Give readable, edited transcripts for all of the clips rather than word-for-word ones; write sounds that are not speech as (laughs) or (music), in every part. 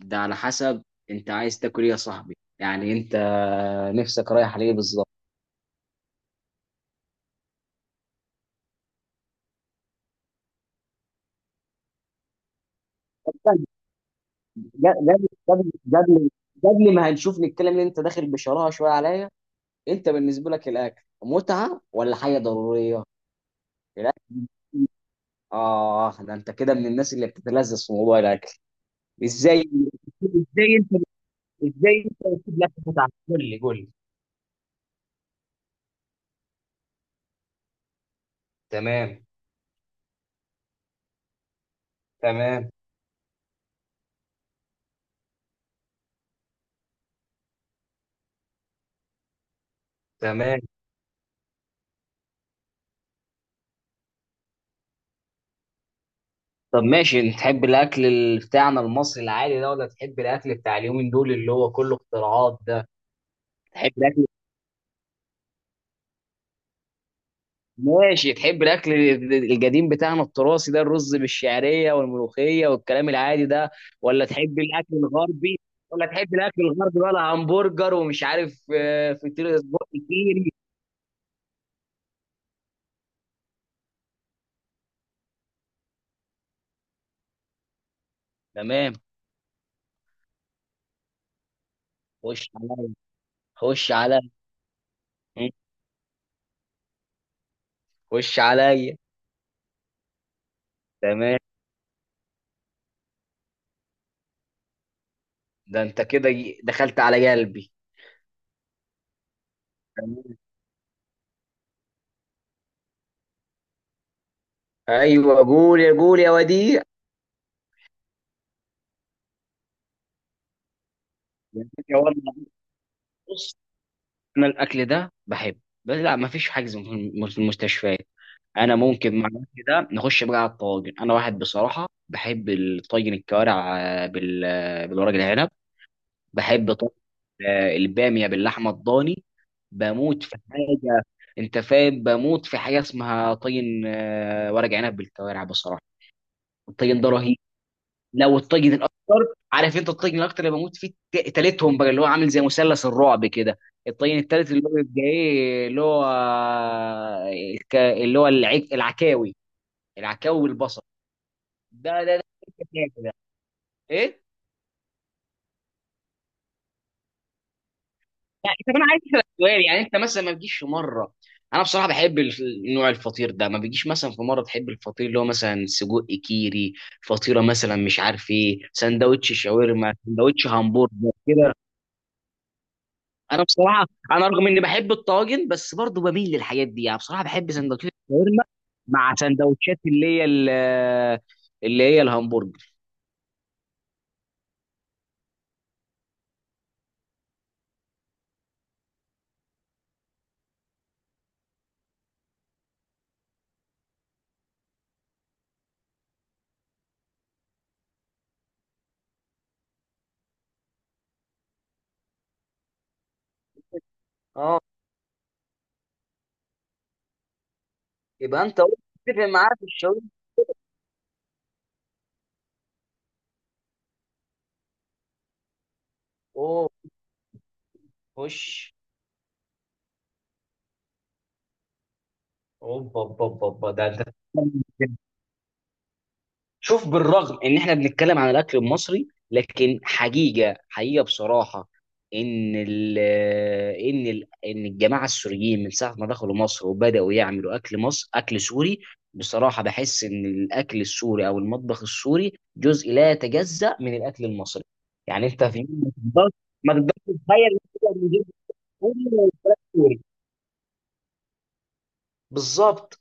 ده على حسب. انت عايز تاكل ايه يا صاحبي؟ يعني انت نفسك رايح ليه بالظبط؟ قبل قبل قبل قبل ما هنشوف نتكلم ان انت داخل بشراهه شويه عليا. انت بالنسبه لك الاكل متعه ولا حاجه ضروريه؟ الاكل. اه، ده انت كده من الناس اللي بتتلذذ في موضوع الاكل. ازاي ازاي انت ازاي انت بتسيب لك متعه؟ قول لي قول لي. تمام، تمام، تمام. طب ماشي، انت تحب الاكل بتاعنا المصري العادي ده ولا تحب الاكل بتاع اليومين دول اللي هو كله اختراعات ده؟ تحب الاكل ماشي تحب الاكل القديم بتاعنا التراثي ده، الرز بالشعريه والملوخيه والكلام العادي ده؟ ولا تحب الاكل الغربي ولا تحب الاكل الغربي بقى، همبرجر ومش عارف فطير سجق كيري؟ تمام، خش عليا، خش عليا، م، خش عليا. تمام، ده انت كده دخلت على قلبي. تمام. ايوه، قول يا وديع. يا والله. بص، انا الاكل ده بحبه بس لا، ما فيش حجز في في المستشفيات. انا ممكن مع الاكل ده نخش بقى على الطواجن. انا واحد بصراحه بحب الطاجن الكوارع، بالورق العنب. بحب طاجن الباميه باللحمه الضاني. بموت في حاجه، انت فاهم؟ بموت في حاجه اسمها طاجن ورق عنب بالكوارع بصراحه. الطاجن ده رهيب. لو الطاجن الاكتر، عارف انت الطاجن الاكتر اللي بموت فيه تالتهم بقى، اللي هو عامل زي مثلث الرعب كده. الطاجن التالت اللي هو بيبقى ايه؟ اللي هو اللي هو العكاوي. العكاوي بالبصل. ده ده ده ده ايه؟ لا، طب انا عايز اسالك سؤال، يعني انت مثلا ما بتجيش في مره؟ انا بصراحه بحب نوع الفطير ده، ما بيجيش مثلا في مره تحب الفطير اللي هو مثلا سجق كيري؟ فطيره مثلا، مش عارف ايه، سندوتش شاورما، سندوتش همبرجر كده؟ انا بصراحه رغم اني بحب الطواجن بس برضو بميل للحاجات دي، يعني بصراحه بحب سندوتشات الشاورما، مع سندوتشات اللي هي اللي هي الهمبرجر. اه، يبقى انت قلت تتفق معايا في الشاورما. اوه، خش. اوبا اوبا اوبا. ده (laughs) شوف، بالرغم ان احنا بنتكلم عن الاكل المصري لكن حقيقه حقيقه بصراحه، ان ال ان الجماعه السوريين من ساعه ما دخلوا مصر وبداوا يعملوا اكل مصر اكل سوري. بصراحه بحس ان الاكل السوري او المطبخ السوري جزء لا يتجزأ من الاكل المصري. يعني انت في، ما تقدرش تتخيل إن إحنا بنجيب سوري والفراخ سوري. بالظبط.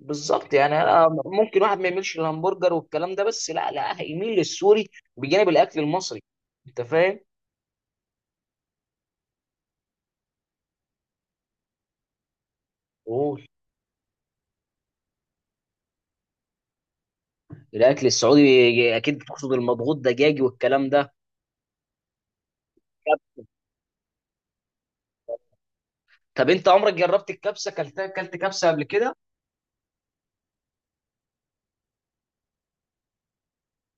بالظبط يعني انا ممكن واحد ما يميلش للهمبرجر والكلام ده بس لا، لا هيميل للسوري، بجانب الاكل المصري. انت فاهم؟ قول. الاكل السعودي، اكيد بتقصد المضغوط دجاجي والكلام ده. طب طب انت عمرك جربت الكبسه؟ اكلتها؟ اكلت كبسه قبل كده؟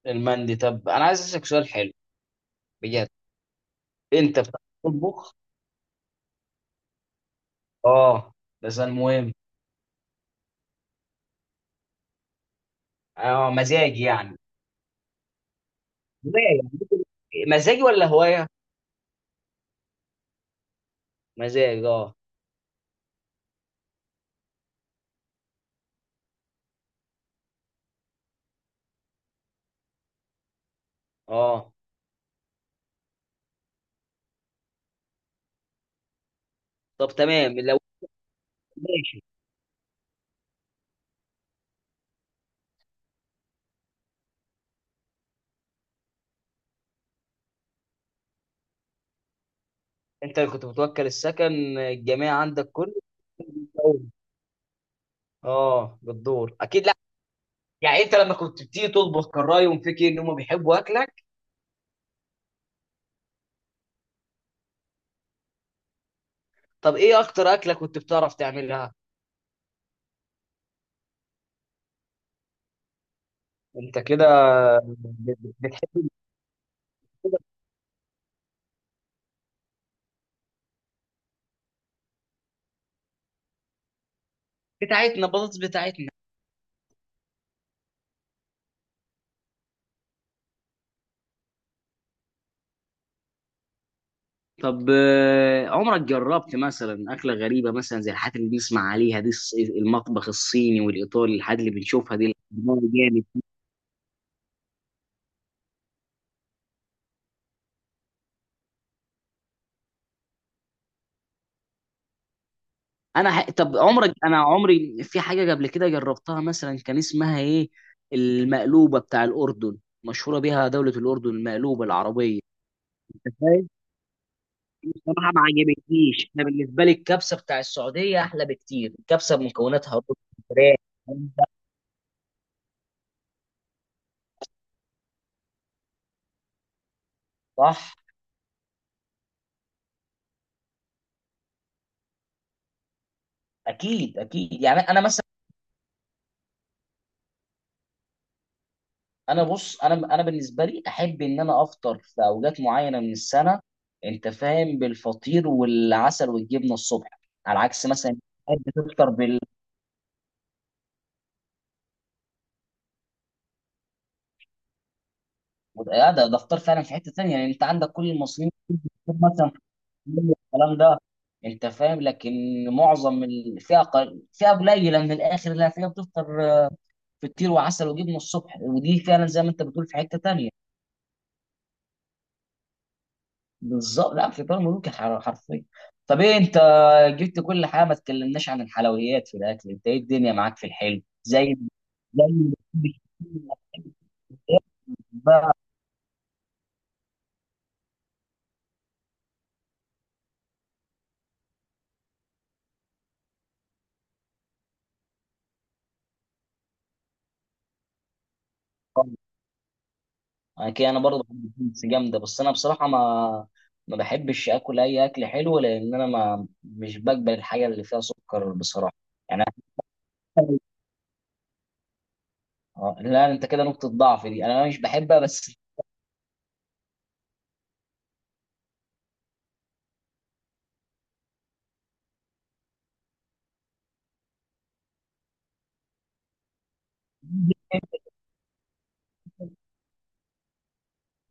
المندي. طب انا عايز اسالك سؤال حلو، بجد. انت بتعرف تطبخ؟ اه، بس المهم. اه، مزاج يعني. هوايه يعني. مزاجي ولا هوايه؟ مزاج، اه. اه، طب تمام لو. ماشي، انت اللي كنت متوكل السكن الجميع عندك كله؟ بتدور. اه، بتدور اكيد. لا. يعني انت لما كنت بتيجي تطبخ كان رايهم فيك إيه؟ ان هم بيحبوا اكلك؟ طب ايه اكتر اكله كنت بتعرف تعملها؟ انت كده بتحب. بتاعتنا، بطاطس بتاعتنا. طب عمرك جربت مثلا أكلة غريبة، مثلا زي الحاجات اللي بنسمع عليها دي، المطبخ الصيني والإيطالي، الحاجات اللي بنشوفها دي؟ لا. جامد. طب عمرك، انا عمري في حاجه قبل كده جربتها مثلا كان اسمها ايه؟ المقلوبه بتاع الاردن، مشهوره بيها دوله الاردن، المقلوبه العربيه. انت فاهم، بصراحه ما عجبتنيش. انا بالنسبه لي الكبسه بتاع السعوديه احلى بكتير، الكبسه بمكوناتها: رز، فراخ، كبدة، صح. اكيد اكيد يعني انا مثلا. انا بص، انا بالنسبه لي احب ان انا افطر في اوقات معينه من السنه. انت فاهم، بالفطير والعسل والجبنه الصبح. على عكس مثلا، تحب تفطر؟ ده فطار فعلا في حته ثانيه، يعني انت عندك كل المصريين مثلا في الكلام ده، انت فاهم؟ لكن معظم فئه، فئه قليله من الاخر اللي هتلاقيها بتفطر فطير وعسل وجبنه الصبح، ودي فعلا زي ما انت بتقول في حته ثانيه. بالظبط. لا فطار ملوكي حرفيا. طب، ايه انت جبت كل حاجه ما تكلمناش عن الحلويات في الاكل. انت ايه الدنيا معاك في الحلو؟ زي زي اكيد انا برضه بحب البيتزا جامده بس انا بصراحه ما بحبش اكل اي اكل حلو لان انا ما مش بقبل الحاجه اللي فيها سكر بصراحه. يعني أنا- لا انت كده نقطه ضعف دي انا مش بحبها بس. (laughs)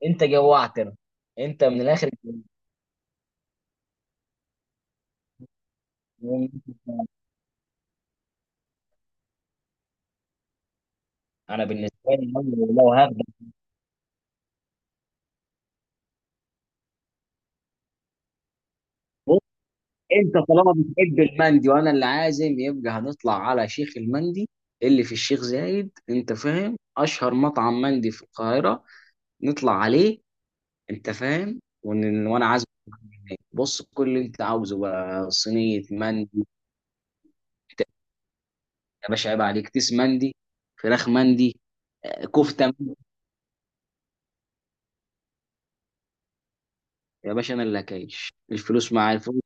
انت جوعتنا. انت من الاخر. (laughs) انا بالنسبه لي لو، هبدا. بص، انت طالما بتحب المندي وانا اللي عازم، يبقى هنطلع على شيخ المندي اللي في الشيخ زايد، انت فاهم؟ اشهر مطعم مندي في القاهره. نطلع عليه، انت فاهم؟ وانا عازمك هناك. بص، كل اللي انت عاوزه بقى: صينيه مندي، يا باشا عيب عليك، كيس مندي، فراخ مندي، كفته مندي. يا باشا انا اللي هكايش، الفلوس معايا. الفلوس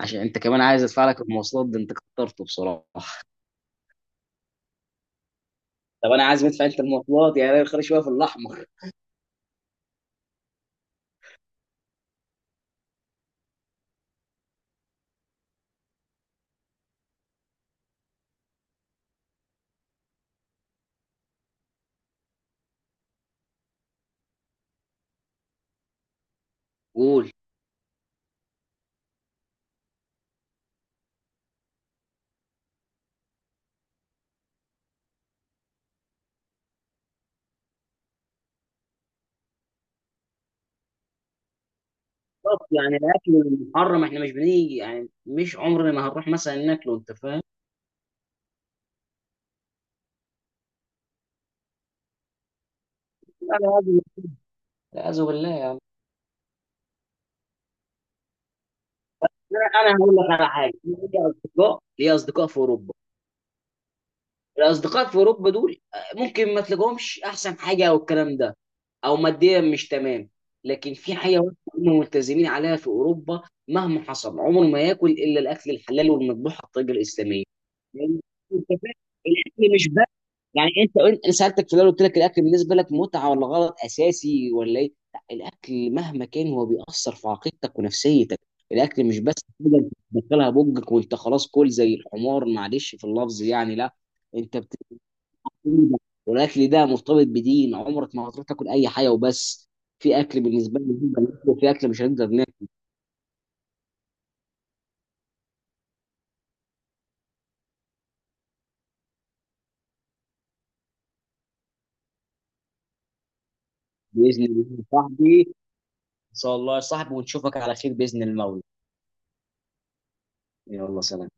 عشان انت كمان عايز ادفع لك المواصلات؟ ده انت كترته بصراحه. طب انا عايز ادفع انت المواصلات، يعني انا خلي شويه في الاحمر. قول. طب يعني الاكل المحرم، احنا مش بنيجي يعني، مش عمرنا ما هنروح مثلا ناكله، انت فاهم؟ انا عايز، لا أعوذ بالله يا عم. انا هقول لك على حاجه. ليا اصدقاء في اوروبا. الاصدقاء في اوروبا دول ممكن ما تلاقوهمش احسن حاجه، او الكلام ده، او ماديا مش تمام. لكن في حاجه واحدة هم ملتزمين عليها في اوروبا، مهما حصل عمره ما ياكل الا الاكل الحلال والمذبوح على الطريقه الاسلاميه. لأن أنت فاهم، الاكل مش بقى يعني. انا سالتك في الاول قلت لك الاكل بالنسبه لك متعه ولا غلط اساسي ولا ايه. لا، الاكل مهما كان هو بيأثر في عقيدتك ونفسيتك. الاكل مش بس حاجه أنت بتدخلها بوجك وانت خلاص كل زي الحمار، معلش في اللفظ، يعني لا. انت. والاكل ده مرتبط بدين، عمرك ما هتروح تاكل اي حاجه وبس. في اكل بالنسبه لي نقدر ناكله وفي اكل مش هنقدر ناكله. باذن الله يا صاحبي، ان شاء الله يا صاحبي، ونشوفك على خير باذن المولى. يلا، سلام.